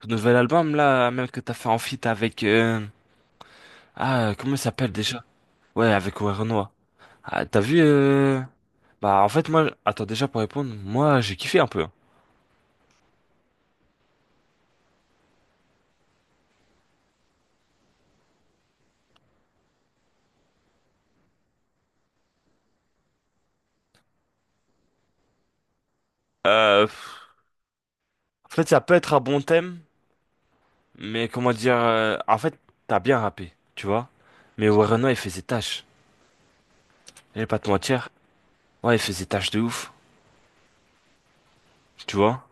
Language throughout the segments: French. Ton nouvel album, là, même que t'as fait en feat avec... Ah, comment il s'appelle déjà? Ouais, avec Werenoi. Ah, t'as vu... Bah, en fait, moi... Attends, déjà, pour répondre, moi, j'ai kiffé un peu, hein. Pff, en fait, ça peut être un bon thème, mais comment dire... En fait, t'as bien rappé, tu vois? Mais Werenoi, il faisait tâche. Je vais pas te mentir. Ouais, il faisait tâche de ouf, tu vois?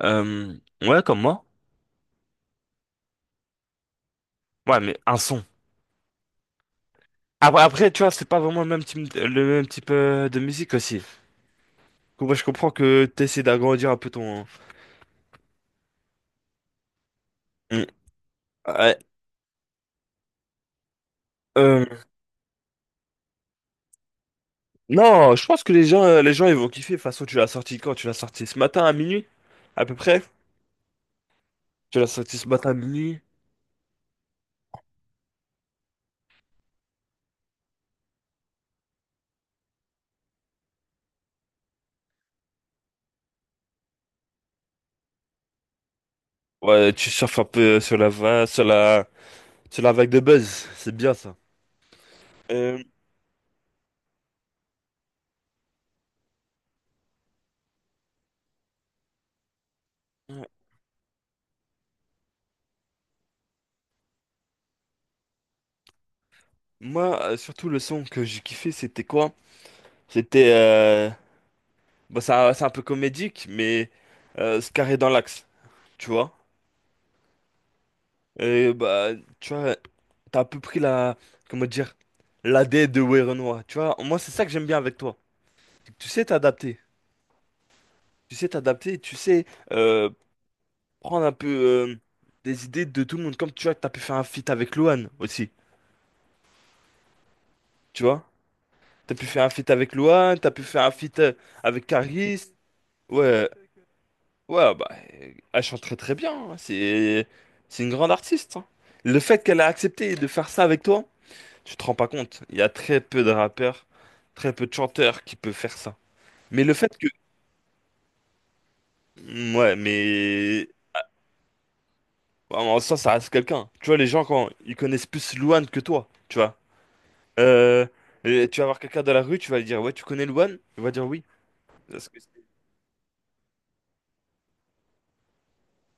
Euh, Ouais, comme moi. Ouais, mais un son. Après, tu vois, c'est pas vraiment le même type, de musique aussi. Donc, ouais, je comprends que tu essaies d'agrandir un peu ton... Mm. Ouais. Euh, Non, je pense que les gens, ils vont kiffer. De toute façon, tu l'as sorti quand? Tu l'as sorti ce matin à minuit, à peu près? Tu l'as sorti ce matin à minuit? Ouais, tu surfes un peu sur la, va- sur la vague de buzz. C'est bien ça. Euh, Moi, surtout, le son que j'ai kiffé, c'était quoi? C'était... Bon, ça c'est un peu comédique, mais carré dans l'axe, tu vois? Et bah, tu vois, t'as à peu près la, comment dire, la l'ADN de Werenoi. Tu vois, moi, c'est ça que j'aime bien avec toi. C'est que tu sais t'adapter. Tu sais t'adapter, tu sais euh, prendre un peu des idées de tout le monde. Comme tu vois, t'as pu faire un feat avec Luan aussi. Tu vois? T'as pu faire un feat avec Luan, t'as pu faire un feat avec Caris. Ouais, ouais, bah, elle chante très très bien, hein. C'est une grande artiste, hein. Le fait qu'elle a accepté de faire ça avec toi. Tu te rends pas compte, il y a très peu de rappeurs, très peu de chanteurs qui peuvent faire ça. Mais le fait que... Mm, ouais, mais... Ouais, en soi, ça reste quelqu'un. Tu vois, les gens, quand ils connaissent plus Louane que toi, tu vois. Euh, et tu vas voir quelqu'un dans la rue, tu vas lui dire, ouais, tu connais Louane? Il va dire oui. Parce que c'est-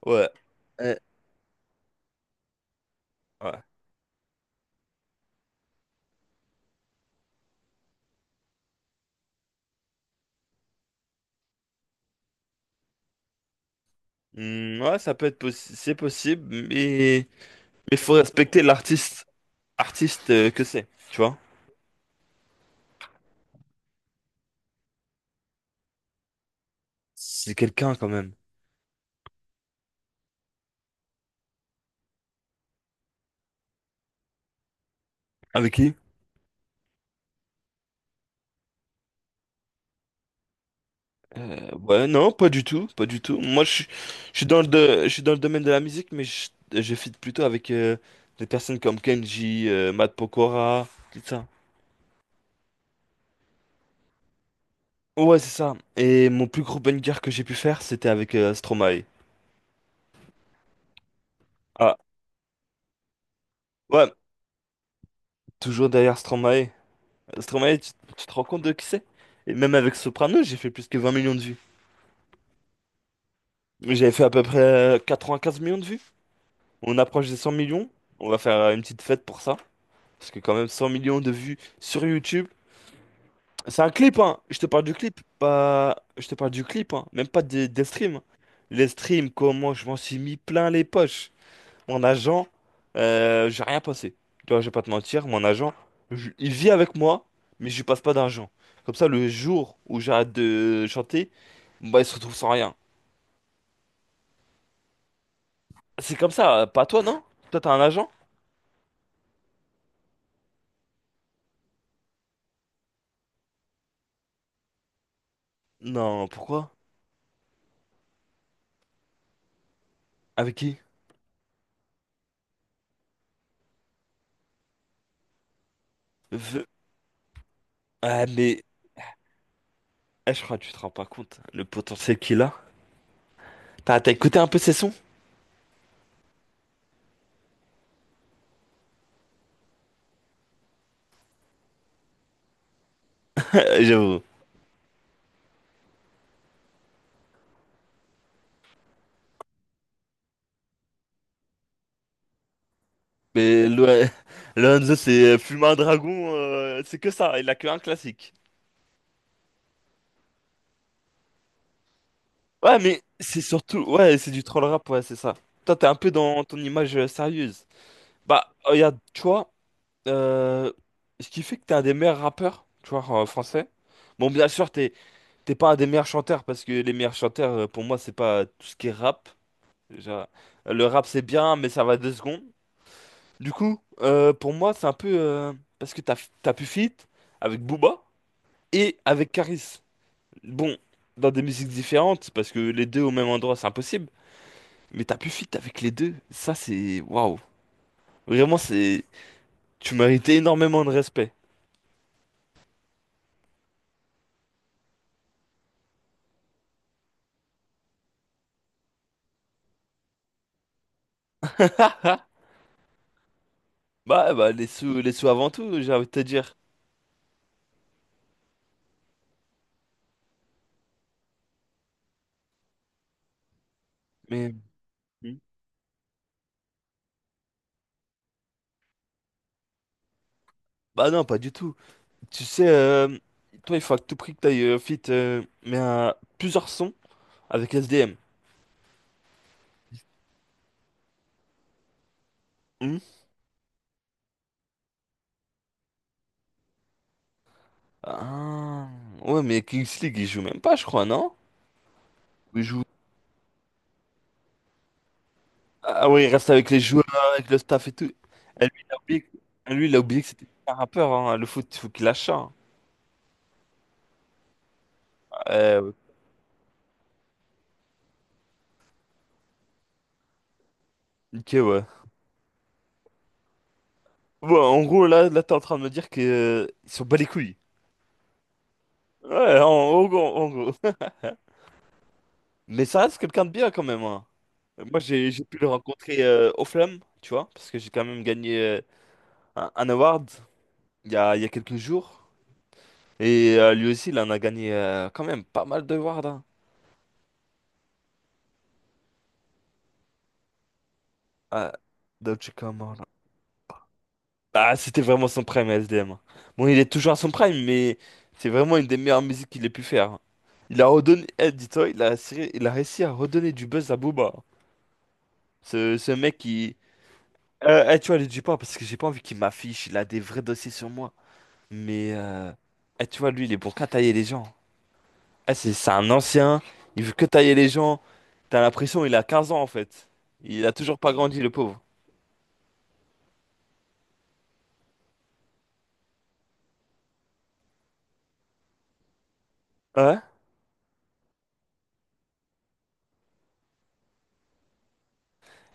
Ouais. Euh, ouais. Hmm, ouais, ça peut être c'est possible, mais il faut respecter l'artiste artiste que c'est, tu vois. C'est quelqu'un quand même. Avec qui? Euh, ouais, non, pas du tout, pas du tout. Moi, je suis dans le domaine de la musique, mais je feed plutôt avec des personnes comme Kenji, Matt Pokora, tout ça. Ouais, c'est ça. Et mon plus gros banger que j'ai pu faire, c'était avec Stromae. Ah, ouais, toujours derrière Stromae. Stromae, tu te rends compte de qui c'est? Et même avec Soprano, j'ai fait plus que 20 millions de vues. J'avais fait à peu près 15 millions de vues. On approche des 100 millions. On va faire une petite fête pour ça. Parce que quand même, 100 millions de vues sur YouTube. C'est un clip, hein. Je te parle du clip, pas... Je te parle du clip, hein. Même pas des streams. Les streams, comment je m'en suis mis plein les poches. Mon agent, j'ai rien passé. Tu vois, je vais pas te mentir, mon agent, il vit avec moi, mais je lui passe pas d'argent. Comme ça, le jour où j'arrête de chanter, bah, il se retrouve sans rien. C'est comme ça, pas toi, non? Toi, t'as un agent? Non, pourquoi? Avec qui? V- Ah, mais, eh, je crois que tu te rends pas compte, le potentiel qu'il a. T'as écouté un peu ses sons? J'avoue. Mais le- Lorenzo, c'est Fumin Dragon, c'est que ça, il a que un classique. Ouais, mais c'est surtout, ouais, c'est du troll rap, ouais, c'est ça. Toi, t'es un peu dans ton image sérieuse. Bah, regarde, tu vois, euh, ce qui fait que t'es un des meilleurs rappeurs, tu vois, en français. Bon, bien sûr, t'es pas un des meilleurs chanteurs, parce que les meilleurs chanteurs, pour moi, c'est pas tout ce qui est rap. Déjà, le rap, c'est bien, mais ça va 2 secondes. Du coup, pour moi, c'est un peu, parce que t'as pu feat avec Booba. Et avec Karis. Bon, dans des musiques différentes, parce que les deux au même endroit, c'est impossible. Mais t'as pu fit avec les deux. Ça, c'est... Waouh. Vraiment, c'est... Tu méritais énormément de respect. Ah, bah, les sous avant tout, j'ai envie de te dire. Mais... Hmm. Bah non, pas du tout. Tu sais, toi, il faut à tout prix que t'ailles fit, mais à plusieurs sons avec SDM. Hmm. Ah, ouais, mais Kings League, il joue même pas, je crois, non? Ah oui, il reste avec les joueurs, avec le staff et tout. Et lui, il a oublié que c'était un rappeur, hein. Le foot, il faut qu'il lâche ça, hein. Euh, ok, ouais. Ouais, en gros, là t'es en train de me dire que, ils sont bas les couilles. Ouais, en gros, en gros. Mais ça reste quelqu'un de bien quand même, hein. Moi, j'ai pu le rencontrer aux Flammes, tu vois, parce que j'ai quand même gagné un award il y a quelques jours. Et lui aussi, il en a gagné quand même pas mal de awards, hein. Ah, Dolce. Ah, c'était vraiment son prime, S D M. Bon, il est toujours à son prime, mais c'est vraiment une des meilleures musiques qu'il ait pu faire. Il a redonné, eh, dis-toi, il a réussi à redonner du buzz à Booba. Ce mec qui. Eh, tu vois, lui, dis pas, parce que j'ai pas envie qu'il m'affiche, il a des vrais dossiers sur moi. Mais, eh, tu vois, lui, il est bon qu'à tailler les gens. Eh, c'est un ancien, il veut que tailler les gens. T'as l'impression, il a 15 ans en fait. Il a toujours pas grandi, le pauvre. Ouais?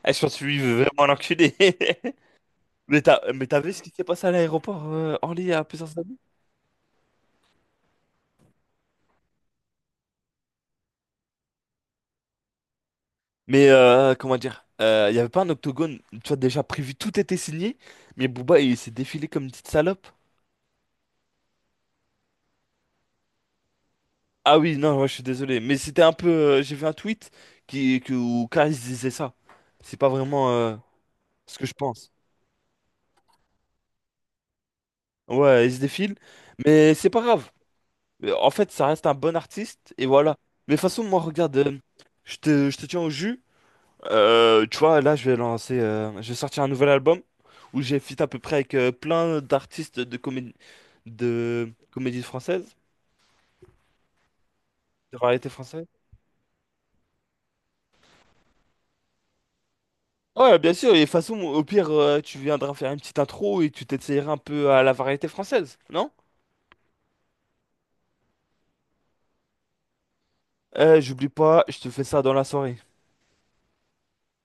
Eh, je pense que lui, il veut vraiment l'enculer. Mais t'as vu ce qui s'est passé à l'aéroport Orly à plusieurs années? Mais comment dire? Il y n'y avait pas un octogone, tu vois, déjà prévu, tout était signé, mais Booba il s'est défilé comme une petite salope. Ah oui, non, ouais, je suis désolé, mais c'était un peu. J'ai vu un tweet qui, où Karis disait ça. C'est pas vraiment ce que je pense. Ouais, il se défile, mais c'est pas grave. En fait, ça reste un bon artiste, et voilà. Mais de toute façon, moi, regarde, je te tiens au jus. Tu vois, là, je vais sortir un nouvel album où j'ai feat à peu près avec plein d'artistes de comédie, française, de variété française. Ouais, bien sûr. Et de toute façon, au pire, tu viendras faire une petite intro et tu t'essayeras un peu à la variété française, non? J'oublie pas, je te fais ça dans la soirée.